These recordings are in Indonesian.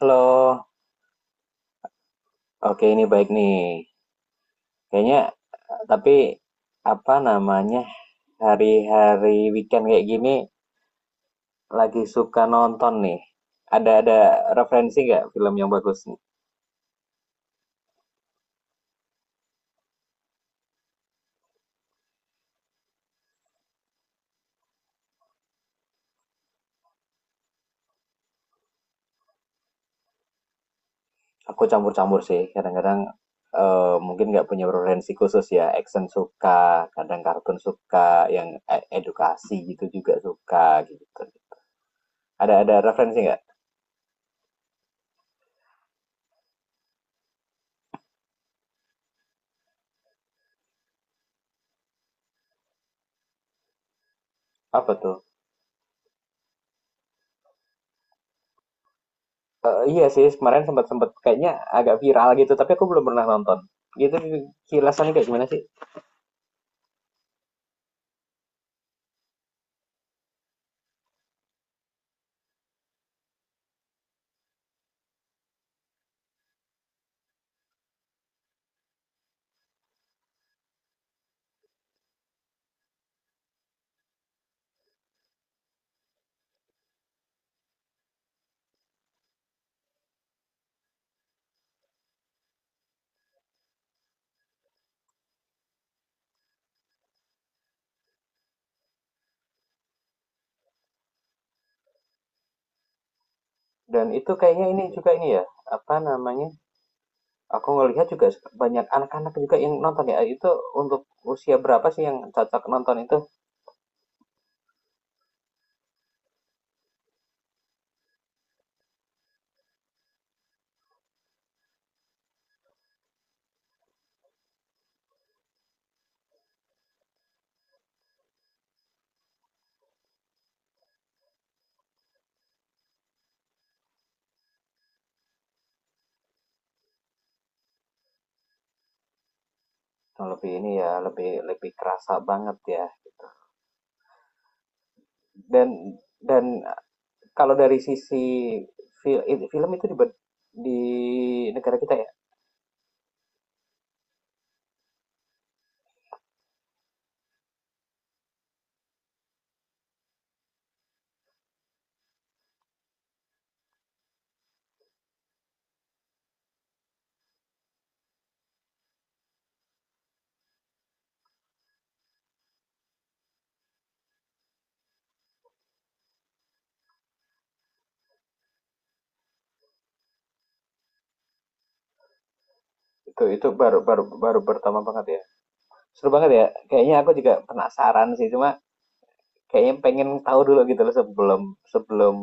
Halo. Oke, ini baik nih. Kayaknya, tapi apa namanya, hari-hari weekend kayak gini lagi suka nonton nih. Ada referensi nggak film yang bagus nih? Aku campur-campur sih, kadang-kadang, mungkin nggak punya referensi khusus ya, action suka, kadang kartun suka, yang edukasi gitu juga suka, gitu. Ada referensi nggak? Apa tuh? Iya sih, kemarin sempat-sempat kayaknya agak viral gitu, tapi aku belum pernah nonton. Itu kilasannya kayak gimana sih? Dan itu kayaknya ini juga ya, apa namanya, aku ngelihat juga banyak anak-anak juga yang nonton ya, itu untuk usia berapa sih yang cocok nonton itu? Oh, lebih ini ya, lebih lebih kerasa banget ya. Dan dan kalau dari sisi film itu di negara kita ya, itu baru baru baru pertama banget ya. Seru banget ya, kayaknya aku juga penasaran sih, cuma kayaknya pengen tahu dulu gitu loh sebelum sebelum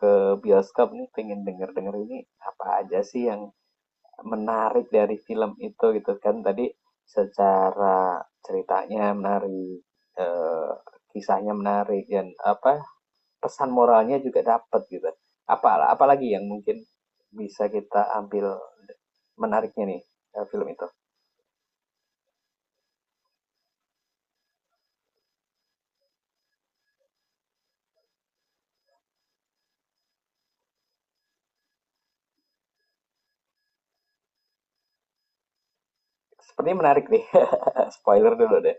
ke bioskop nih pengen denger-denger ini apa aja sih yang menarik dari film itu gitu kan tadi secara ceritanya menarik, eh, kisahnya menarik dan apa pesan moralnya juga dapat gitu, apa apalagi yang mungkin bisa kita ambil menariknya nih, film itu sepertinya menarik nih spoiler dulu deh.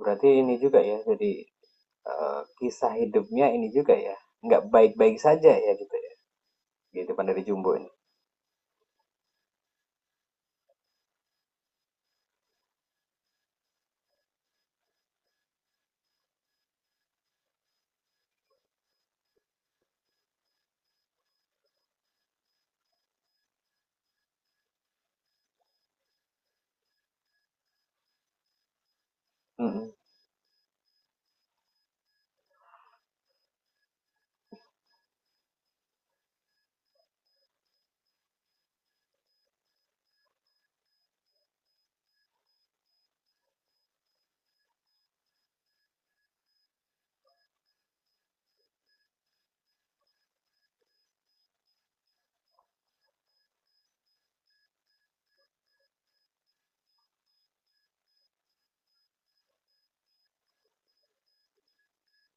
Berarti ini juga ya, jadi kisah hidupnya ini juga ya nggak baik-baik saja ya gitu ya, kehidupan dari Jumbo ini. Mm-mm.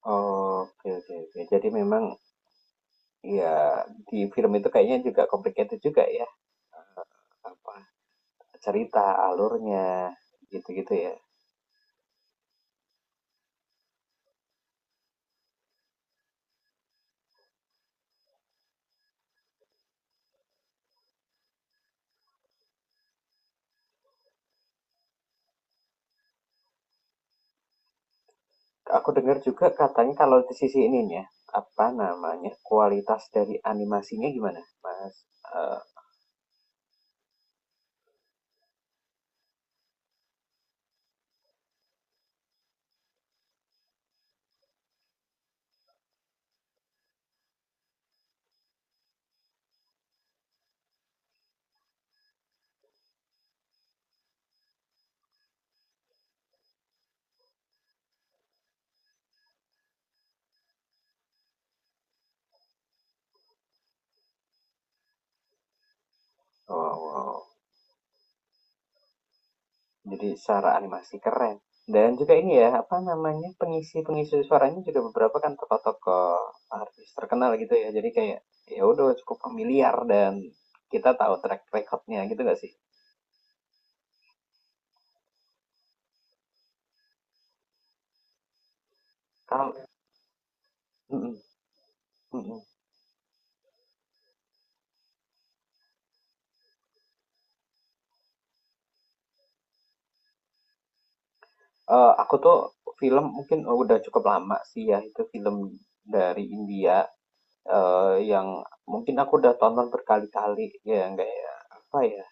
Oh, oke oke oke, jadi memang ya di film itu kayaknya juga complicated juga ya, apa, cerita alurnya gitu-gitu ya. Aku dengar juga katanya kalau di sisi ininya apa namanya kualitas dari animasinya gimana Mas? Eh, oh, oh, jadi secara animasi keren. Dan juga ini ya, apa namanya, pengisi-pengisi suaranya juga beberapa kan tokoh-tokoh artis terkenal gitu ya. Jadi kayak ya udah cukup familiar dan kita tahu track recordnya gitu gak sih? Kalau mm-mm, mm-mm. Aku tuh film mungkin oh, udah cukup lama sih ya, itu film dari India, yang mungkin aku udah tonton berkali-kali ya nggak ya apa ya,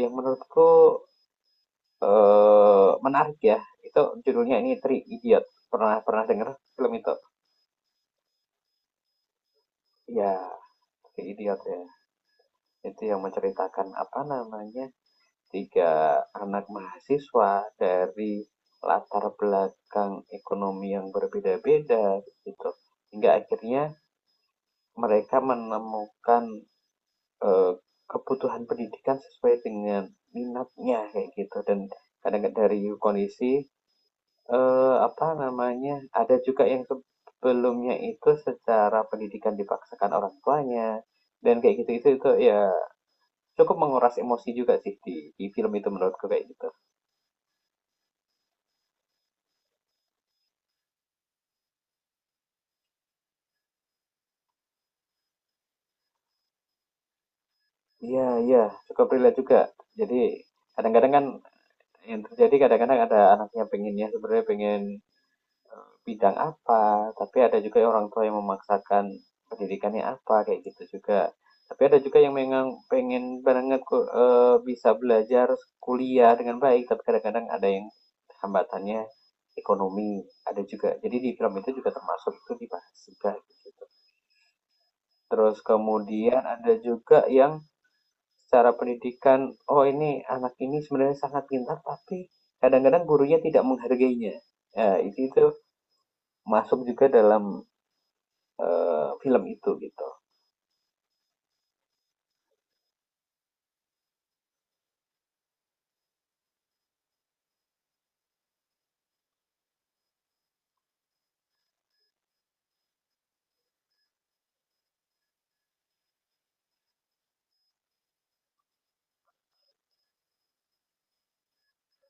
yang menurutku, menarik ya. Itu judulnya ini Three Idiots. Pernah pernah denger film itu? Ya, Three Idiots ya. Itu yang menceritakan apa namanya, 3 anak mahasiswa dari latar belakang ekonomi yang berbeda-beda gitu. Hingga akhirnya mereka menemukan, eee, kebutuhan pendidikan sesuai dengan minatnya kayak gitu dan kadang kadang dari kondisi apa namanya, ada juga yang sebelumnya itu secara pendidikan dipaksakan orang tuanya, dan kayak gitu itu ya cukup menguras emosi juga sih di film itu menurutku kayak gitu. Iya iya, cukup relate juga. Jadi kadang-kadang kan yang terjadi kadang-kadang ada anaknya pengennya sebenarnya pengen bidang apa, tapi ada juga orang tua yang memaksakan pendidikannya apa, kayak gitu juga. Tapi ada juga yang memang pengen banget bisa belajar kuliah dengan baik, tapi kadang-kadang ada yang hambatannya ekonomi, ada juga. Jadi di film itu juga termasuk itu dibahas juga gitu. Terus kemudian ada juga yang secara pendidikan, oh ini anak ini sebenarnya sangat pintar, tapi kadang-kadang gurunya tidak menghargainya. Ya, itu masuk juga dalam, film itu gitu.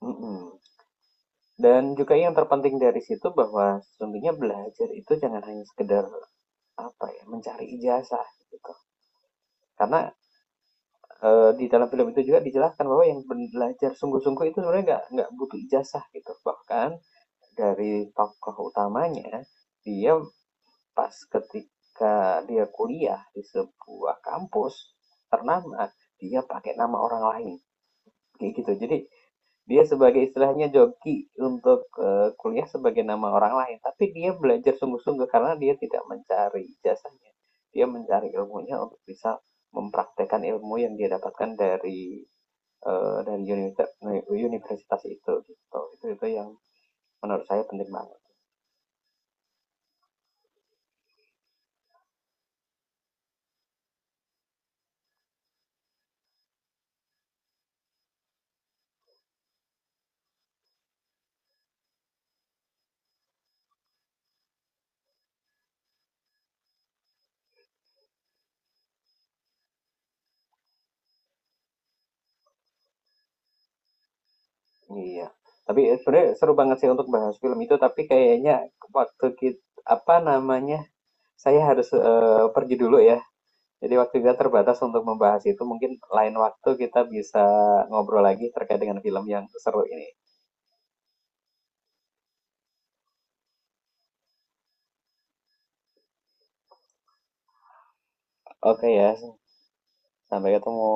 Mm-mm. Dan juga yang terpenting dari situ bahwa sesungguhnya belajar itu jangan hanya sekedar apa ya mencari ijazah gitu. Karena di dalam film itu juga dijelaskan bahwa yang belajar sungguh-sungguh itu sebenarnya nggak butuh ijazah gitu. Bahkan dari tokoh utamanya, dia pas ketika dia kuliah di sebuah kampus ternama dia pakai nama orang lain kayak gitu. Jadi dia sebagai istilahnya joki untuk, kuliah sebagai nama orang lain, tapi dia belajar sungguh-sungguh karena dia tidak mencari jasanya, dia mencari ilmunya untuk bisa mempraktekkan ilmu yang dia dapatkan dari, dari universitas itu, gitu. Itu yang menurut saya penting banget. Iya. Tapi sebenarnya seru banget sih untuk bahas film itu, tapi kayaknya waktu kita apa namanya, saya harus, pergi dulu ya. Jadi waktu kita terbatas untuk membahas itu. Mungkin lain waktu kita bisa ngobrol lagi terkait dengan film yang seru ini. Oke ya, sampai ketemu.